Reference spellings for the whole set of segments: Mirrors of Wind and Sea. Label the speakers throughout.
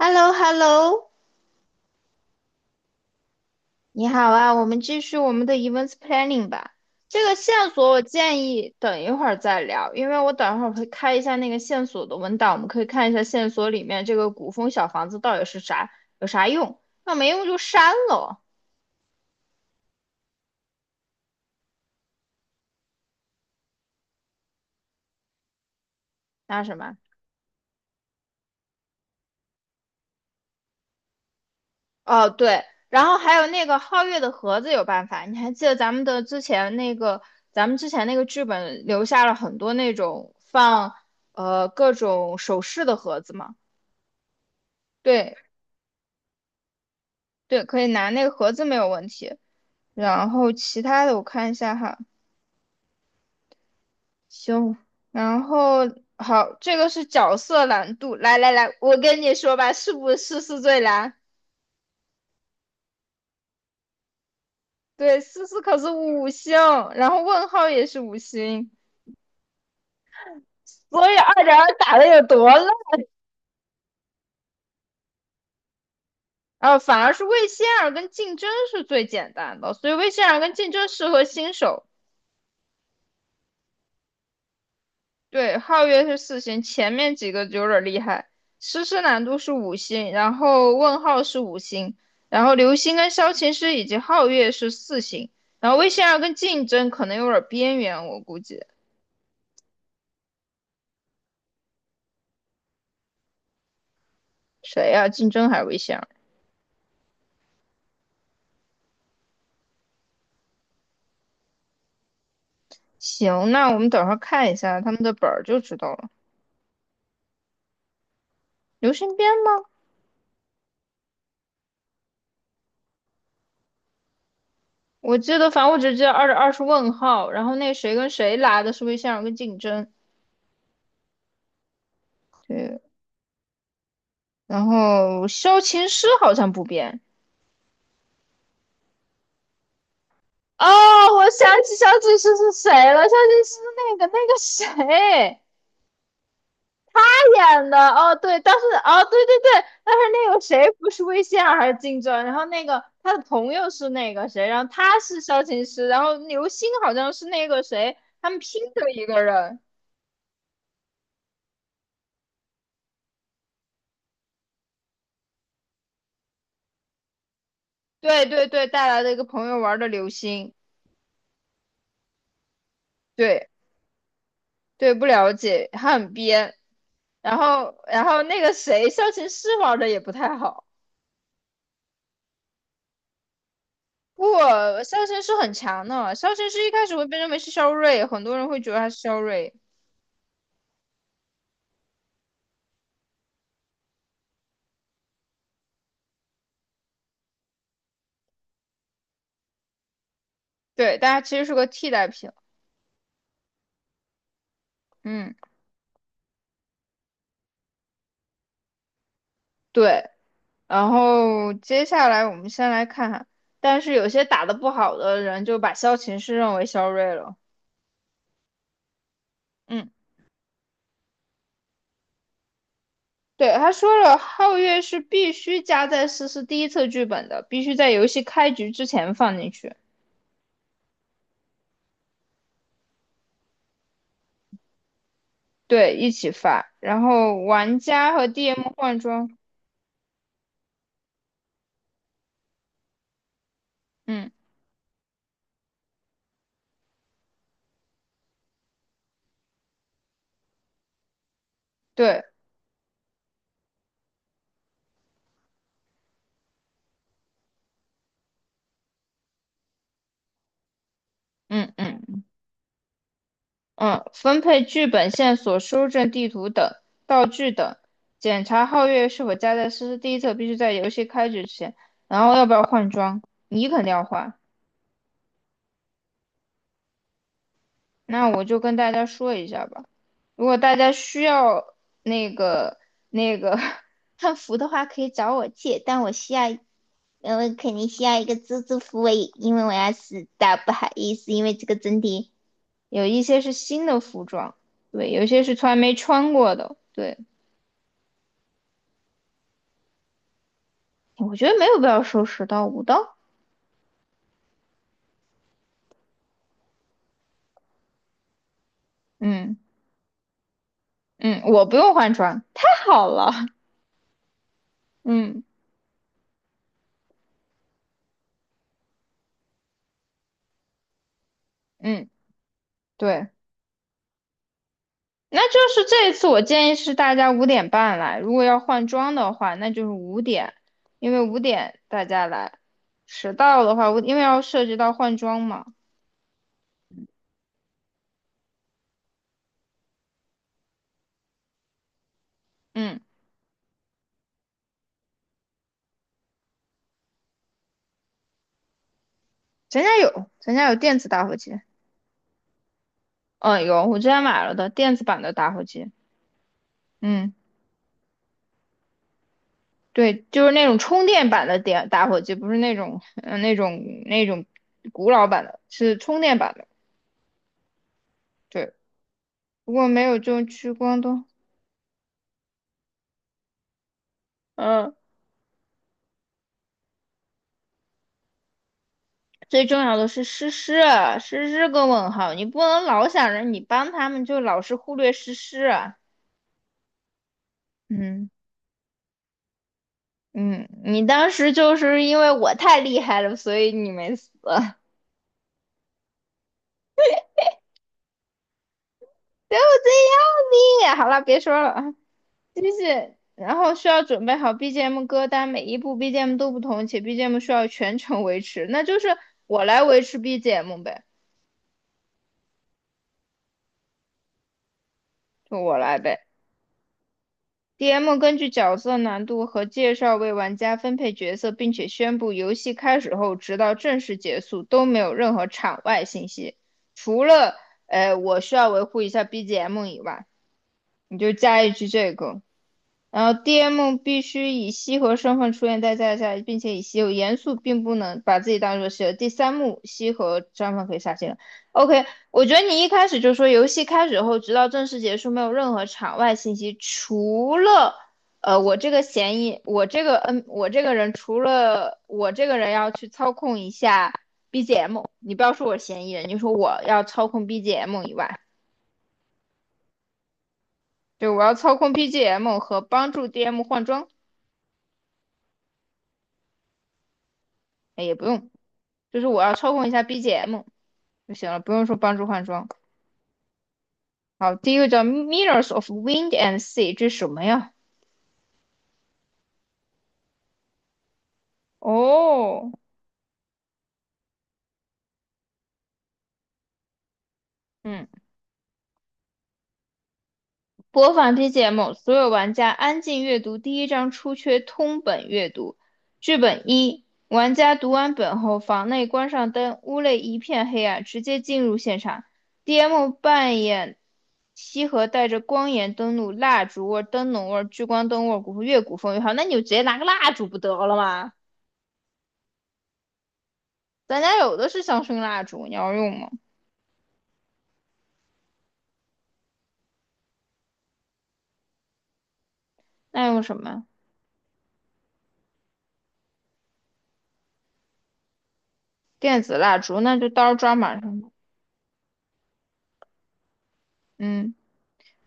Speaker 1: h e l l o h e l l o 你好啊，我们继续我们的 events planning 吧。这个线索我建议等一会儿再聊，因为我等一会儿会开一下那个线索的文档，我们可以看一下线索里面这个古风小房子到底是啥，有啥用？那没用就删了哦。那什么？哦，对，然后还有那个皓月的盒子有办法，你还记得咱们之前那个剧本留下了很多那种放各种首饰的盒子吗？对，对，可以拿那个盒子没有问题。然后其他的我看一下哈，行。然后好，这个是角色难度。来来来，我跟你说吧，是不是是最难？对，四四可是五星，然后问号也是五星，所以2.2打的有多烂？啊，反而是魏仙儿跟竞争是最简单的，所以魏仙儿跟竞争适合新手。对，皓月是四星，前面几个就有点厉害。诗诗难度是五星，然后问号是五星，然后流星跟萧琴师以及皓月是四星，然后魏仙儿跟竞争可能有点边缘，我估计谁呀、竞争还是魏仙儿？行，那我们等会儿看一下他们的本儿就知道了。流星编吗？我记得，反正我只记得二二是问号，然后那谁跟谁拉的是魏仙儿跟竞争，对，然后萧琴师好像不变。哦，我想起小警示是谁了，小警示是那个谁他演的。哦，对，但是哦，对对对，但是那个谁不是魏仙儿还是金正，然后那个他的朋友是那个谁，然后他是萧琴师，然后刘星好像是那个谁，他们拼的一个人。对对对，带来的一个朋友玩的刘星，对对，不了解，他很编。然后那个谁，萧琴师玩的也不太好。不，肖申是很强的。肖申是一开始会被认为是肖瑞，很多人会觉得他是肖瑞，对，但他其实是个替代品。嗯，对。然后接下来我们先来看看，但是有些打得不好的人就把萧琴是认为肖瑞了。嗯，对，他说了，皓月是必须加在思思第一册剧本的，必须在游戏开局之前放进去，对，一起发。然后玩家和 DM 换装。嗯，对，嗯嗯。嗯，分配剧本线索、搜证地图等道具等，检查皓月是否加在诗诗第一册，必须在游戏开始前。然后要不要换装？你肯定要换。那我就跟大家说一下吧。如果大家需要那个那个 汉服的话可以找我借，但我需要，呃，你需要一个蜘蛛服，我也因为我要死敌。有一些是新的服装，对，有一些是从来没穿过的，对。我觉得没有必要收拾到五刀。嗯嗯，我不用换装，太好了。嗯嗯，对，那就是这一次我建议是大家五点半来，如果要换装的话，那就是五点，因为五点大家来，迟到的话，我因为要涉及到换装嘛。嗯，咱家有电子打火机。嗯，有，我之前买了的电子版的打火机。嗯，对，就是那种充电版的电打火机，不是那种那种古老版的，是充电版的。对。不过没有中去关东。嗯，最重要的是诗诗啊诗诗个问号，你不能老想着你帮他们，就老是忽略诗诗啊嗯，嗯，你当时就是因为我太厉害了，所以你没死，就这样的。好了，别说了，啊，继续。然后需要准备好 BGM 歌单，每一部 BGM 都不同，且 BGM 需要全程维持，那就是我来维持 BGM 呗，就我来呗。DM 根据角色难度和介绍为玩家分配角色，并且宣布游戏开始后，直到正式结束都没有任何场外信息，除了我需要维护一下 BGM 以外，你就加一句这个。然后 DM 必须以西河身份出现在，并且以西有严肃，并不能把自己当做西河。第三幕，西河身份可以下线了 OK，我觉得你一开始就说游戏开始后，直到正式结束，没有任何场外信息，除了我这个人除了我这个人要去操控一下 BGM，你不要说我是嫌疑人，你就说我要操控 BGM 以外，就我要操控 BGM 和帮助 DM 换装，哎也不用。就是我要操控一下 BGM 就行了，不用说帮助换装。好，第一个叫 Mirrors of Wind and Sea，这是什么呀？哦，嗯，播放 BGM，所有玩家安静阅读第一章出缺通本阅读。剧本一，玩家读完本后，房内关上灯，屋内一片黑暗，直接进入现场。DM 扮演西河带着光源登录，蜡烛味灯笼味聚光灯味古风越古风越好。那你就直接拿个蜡烛不得了吗？咱家有的是香薰蜡烛，你要用吗？那用什么呀电子蜡烛，那就到时候专门上吧嗯，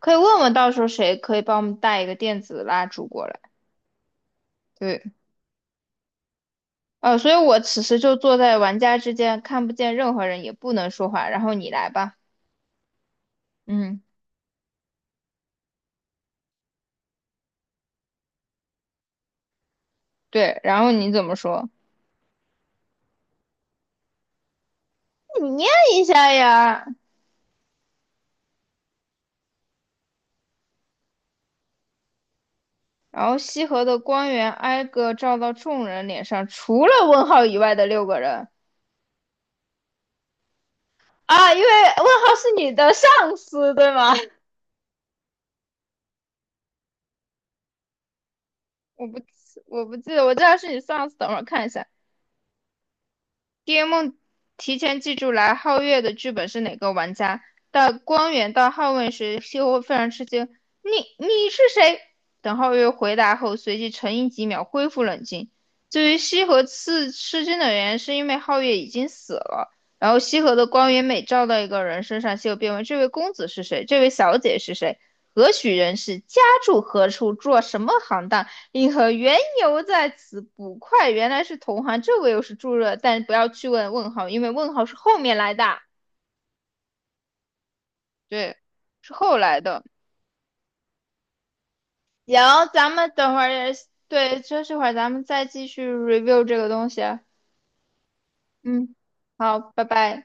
Speaker 1: 可以问问到时候谁可以帮我们带一个电子蜡烛过来。对，所以我此时就坐在玩家之间，看不见任何人，也不能说话。然后你来吧。嗯，对，然后你怎么说？你念一下呀。然后西河的光源挨个照到众人脸上，除了问号以外的六个人啊，因为问号是你的上司，对吗？我不记我不记得，我知道是你上次，等会儿看一下。d m 梦提前记住来皓月的剧本是哪个玩家，到光源到皓月时，西侯非常吃惊：“你你是谁？”等皓月回答后，随即沉吟几秒，恢复冷静。至于西河刺吃惊的原因，是因为皓月已经死了，然后西河的光源每照到一个人身上，西河便问：“这位公子是谁？这位小姐是谁？何许人士？家住何处？做什么行当？”银河缘由在此，捕快原来是同行，这个又是助热，但不要去问问号，因为问号是后面来的，对，是后来的。行，咱们等会儿，对，休这会儿咱们再继续 review 这个东西啊。嗯，好，拜拜。